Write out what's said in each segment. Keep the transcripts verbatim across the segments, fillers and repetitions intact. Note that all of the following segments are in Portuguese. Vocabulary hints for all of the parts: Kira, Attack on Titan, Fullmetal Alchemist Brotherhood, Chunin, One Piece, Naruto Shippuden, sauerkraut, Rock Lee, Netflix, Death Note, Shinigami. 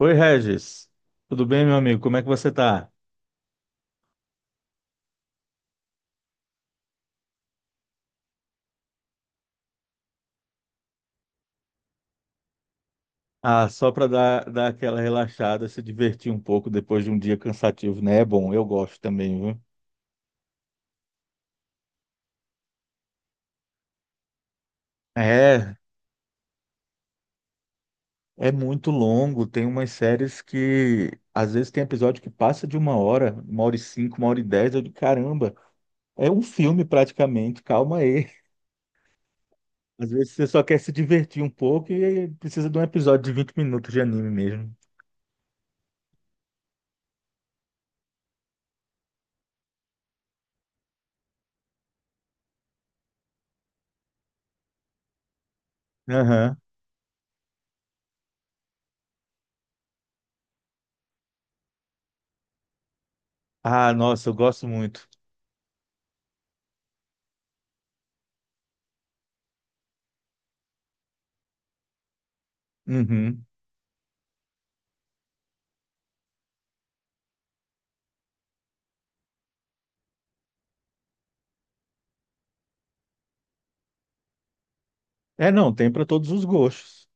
Oi, Regis. Tudo bem, meu amigo? Como é que você tá? Ah, só para dar, dar aquela relaxada, se divertir um pouco depois de um dia cansativo, né? É bom, eu gosto também, viu? É, é muito longo. Tem umas séries que às vezes tem episódio que passa de uma hora, uma hora e cinco, uma hora e dez. Eu digo, caramba, é um filme praticamente. Calma aí. Às vezes você só quer se divertir um pouco e precisa de um episódio de vinte minutos de anime mesmo. Aham. Ah, nossa, eu gosto muito. Uhum. É, não, tem para todos os gostos.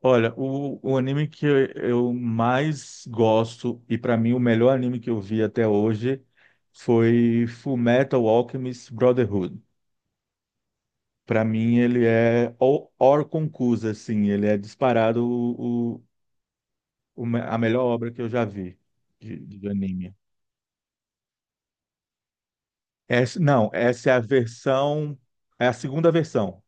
Olha, o, o anime que eu eu mais gosto e para mim o melhor anime que eu vi até hoje foi Fullmetal Alchemist Brotherhood. Para mim ele é or or conclusa, assim, ele é disparado o, o- o me- a melhor obra que eu já vi de de anime. Essa, não, essa é a versão, é a segunda versão.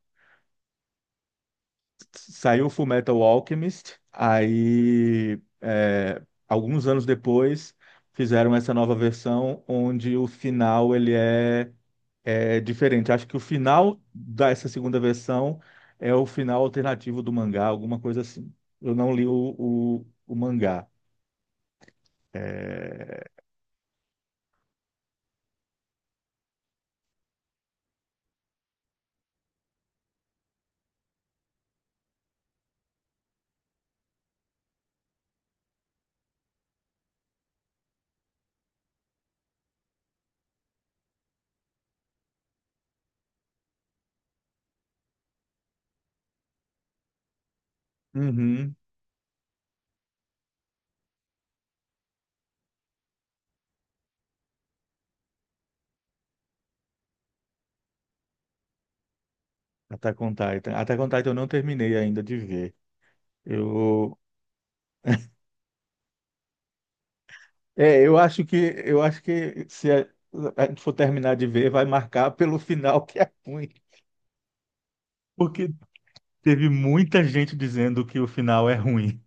Saiu Fullmetal Alchemist, aí é, alguns anos depois fizeram essa nova versão onde o final ele é, é diferente. Acho que o final dessa segunda versão é o final alternativo do mangá, alguma coisa assim. Eu não li o, o, o mangá. Uhum. Attack on Titan. Attack on Titan eu não terminei ainda de ver. Eu, é, eu acho que eu acho que se a, a gente for terminar de ver, vai marcar pelo final que é ruim. Porque teve muita gente dizendo que o final é ruim.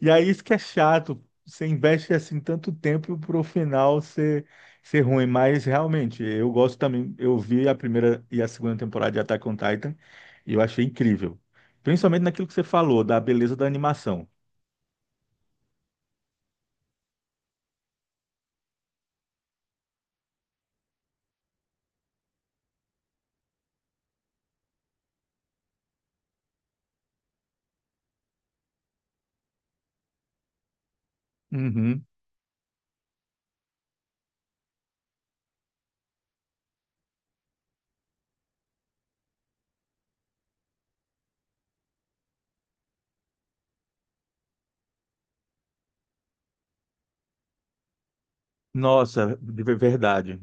E aí isso que é chato. Você investe assim tanto tempo pro final ser, ser ruim. Mas realmente, eu gosto também. Eu vi a primeira e a segunda temporada de Attack on Titan e eu achei incrível. Principalmente naquilo que você falou, da beleza da animação. Uhum. Nossa, de ver- verdade.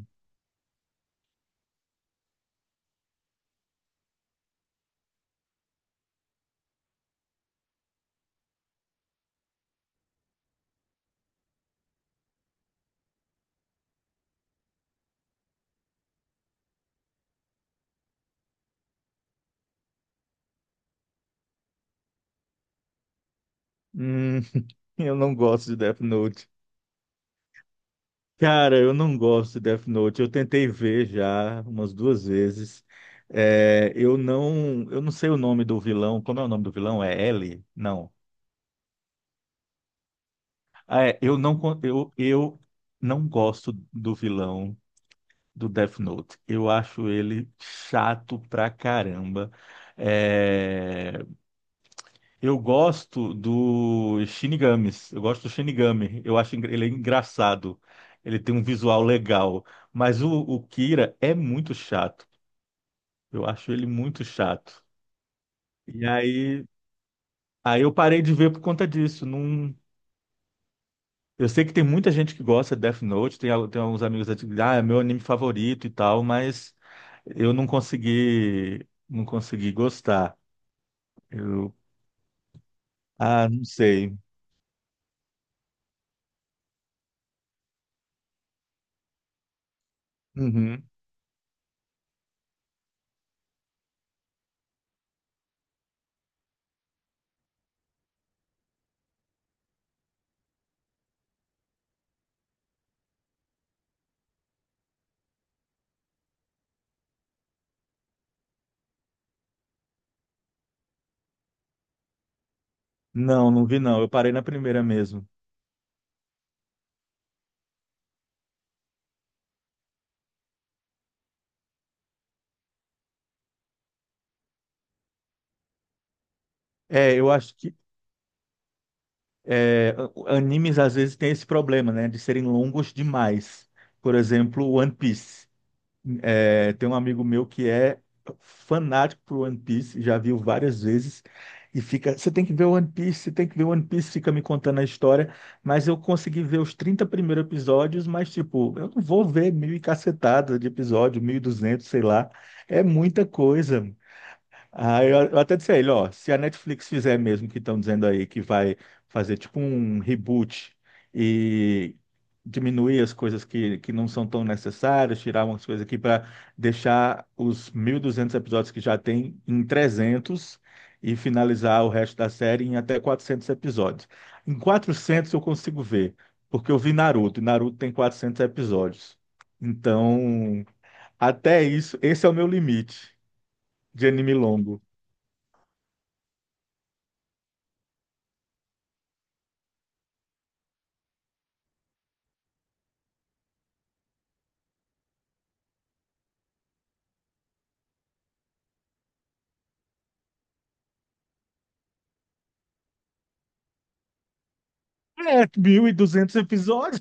Hum, eu não gosto de Death Note. Cara, eu não gosto de Death Note. Eu tentei ver já umas duas vezes. É, eu não, eu não sei o nome do vilão. Como é o nome do vilão? É L? Não. Ah, é, eu não, con- eu, eu não gosto do vilão do Death Note. Eu acho ele chato pra caramba. É, eu gosto do Shinigamis. Eu gosto do Shinigami. Eu acho engra- ele é engraçado. Ele tem um visual legal. Mas o, o Kira é muito chato. Eu acho ele muito chato. E aí, aí eu parei de ver por conta disso. Não. Eu sei que tem muita gente que gosta de Death Note, tem, al- tem alguns amigos que dizem, ah, é meu anime favorito e tal, mas eu não consegui, não consegui gostar. Eu, ah, não sei. Uhum. Não, não vi não. Eu parei na primeira mesmo. É, eu acho que é, a- animes às vezes têm esse problema, né, de serem longos demais. Por exemplo, One Piece. É, tem um amigo meu que é fanático por One Piece, já viu várias vezes e fica, você tem que ver One Piece, você tem que ver One Piece, fica me contando a história, mas eu consegui ver os trinta primeiros episódios, mas tipo, eu não vou ver mil e cacetada de episódio, mil e duzentos sei lá, é muita coisa. Ah, eu, eu até disse a ele, ó, se a Netflix fizer mesmo que estão dizendo aí que vai fazer tipo um reboot e diminuir as coisas que, que não são tão necessárias, tirar umas coisas aqui para deixar os mil e duzentos episódios que já tem em trezentos e finalizar o resto da série em até quatrocentos episódios. Em quatrocentos eu consigo ver, porque eu vi Naruto, e Naruto tem quatrocentos episódios. Então, até isso, esse é o meu limite de anime longo. É, mil e duzentos episódios.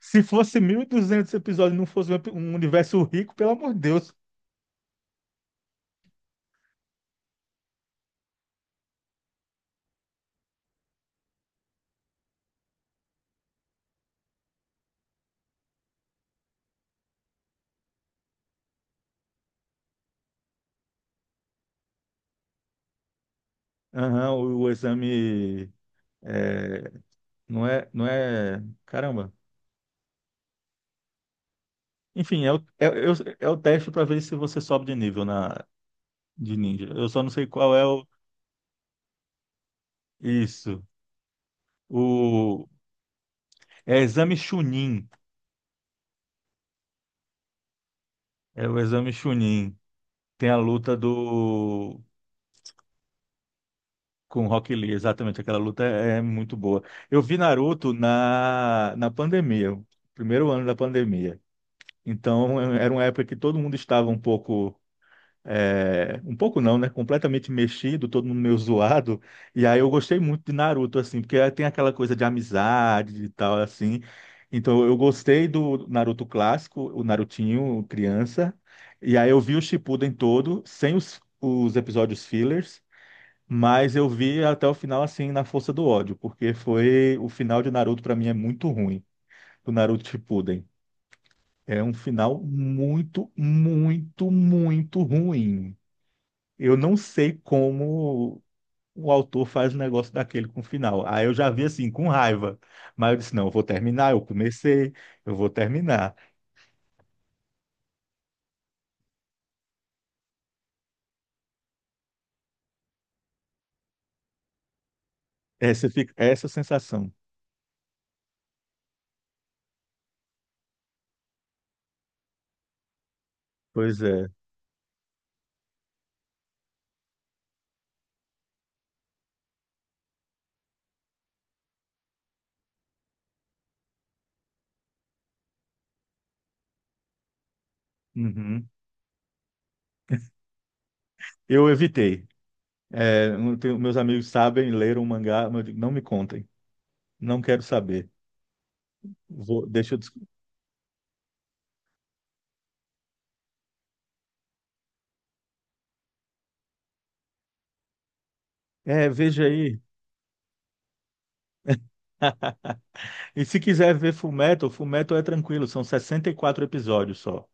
Se fosse mil e duzentos episódios e não fosse um epi- um universo rico, pelo amor de Deus. Aham, o, o exame é, não é, não é. Caramba. Enfim, é o, é, é- é o teste para ver se você sobe de nível na, de ninja. Eu só não sei qual é o. Isso. O, é exame Chunin. É o exame Chunin. Tem a luta do Com Rock Lee, exatamente, aquela luta é é muito boa. Eu vi Naruto na, na pandemia, o primeiro ano da pandemia. Então, eh, era uma época que todo mundo estava um pouco, é, um pouco não, né? Completamente mexido, todo mundo meio zoado. E aí eu gostei muito de Naruto, assim, porque tem aquela coisa de amizade e tal, assim. Então, eu gostei do Naruto clássico, o Narutinho criança. E aí eu vi o Shippuden todo, sem os, os episódios fillers. Mas eu vi até o final assim na força do ódio, porque foi o final de Naruto pra mim é muito ruim, do Naruto Shippuden. É um final muito, muito, muito ruim. Eu não sei como o autor faz um negócio daquele com o final. Aí eu já vi assim com raiva, mas eu disse não, eu vou terminar, eu comecei, eu vou terminar. Essa fica essa sensação. Pois é. Uhum. Eu evitei. É, não tenho- meus amigos sabem, leram o mangá, mas eu digo, não me contem, não quero saber. Vou- deixa eu. des- É, veja aí. E se quiser ver Fullmetal, Fullmetal é tranquilo, são sessenta e quatro episódios só.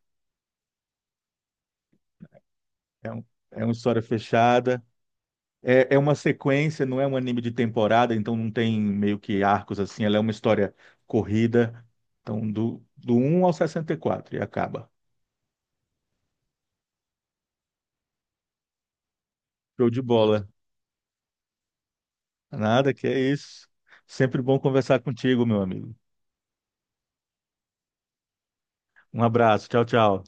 É, um- é uma história fechada. É, é uma sequência, não é um anime de temporada, então não tem meio que arcos assim, ela é uma história corrida. Então, do, do um ao sessenta e quatro e acaba. Show de bola. Nada, que é isso. Sempre bom conversar contigo, meu amigo. Um abraço, tchau, tchau.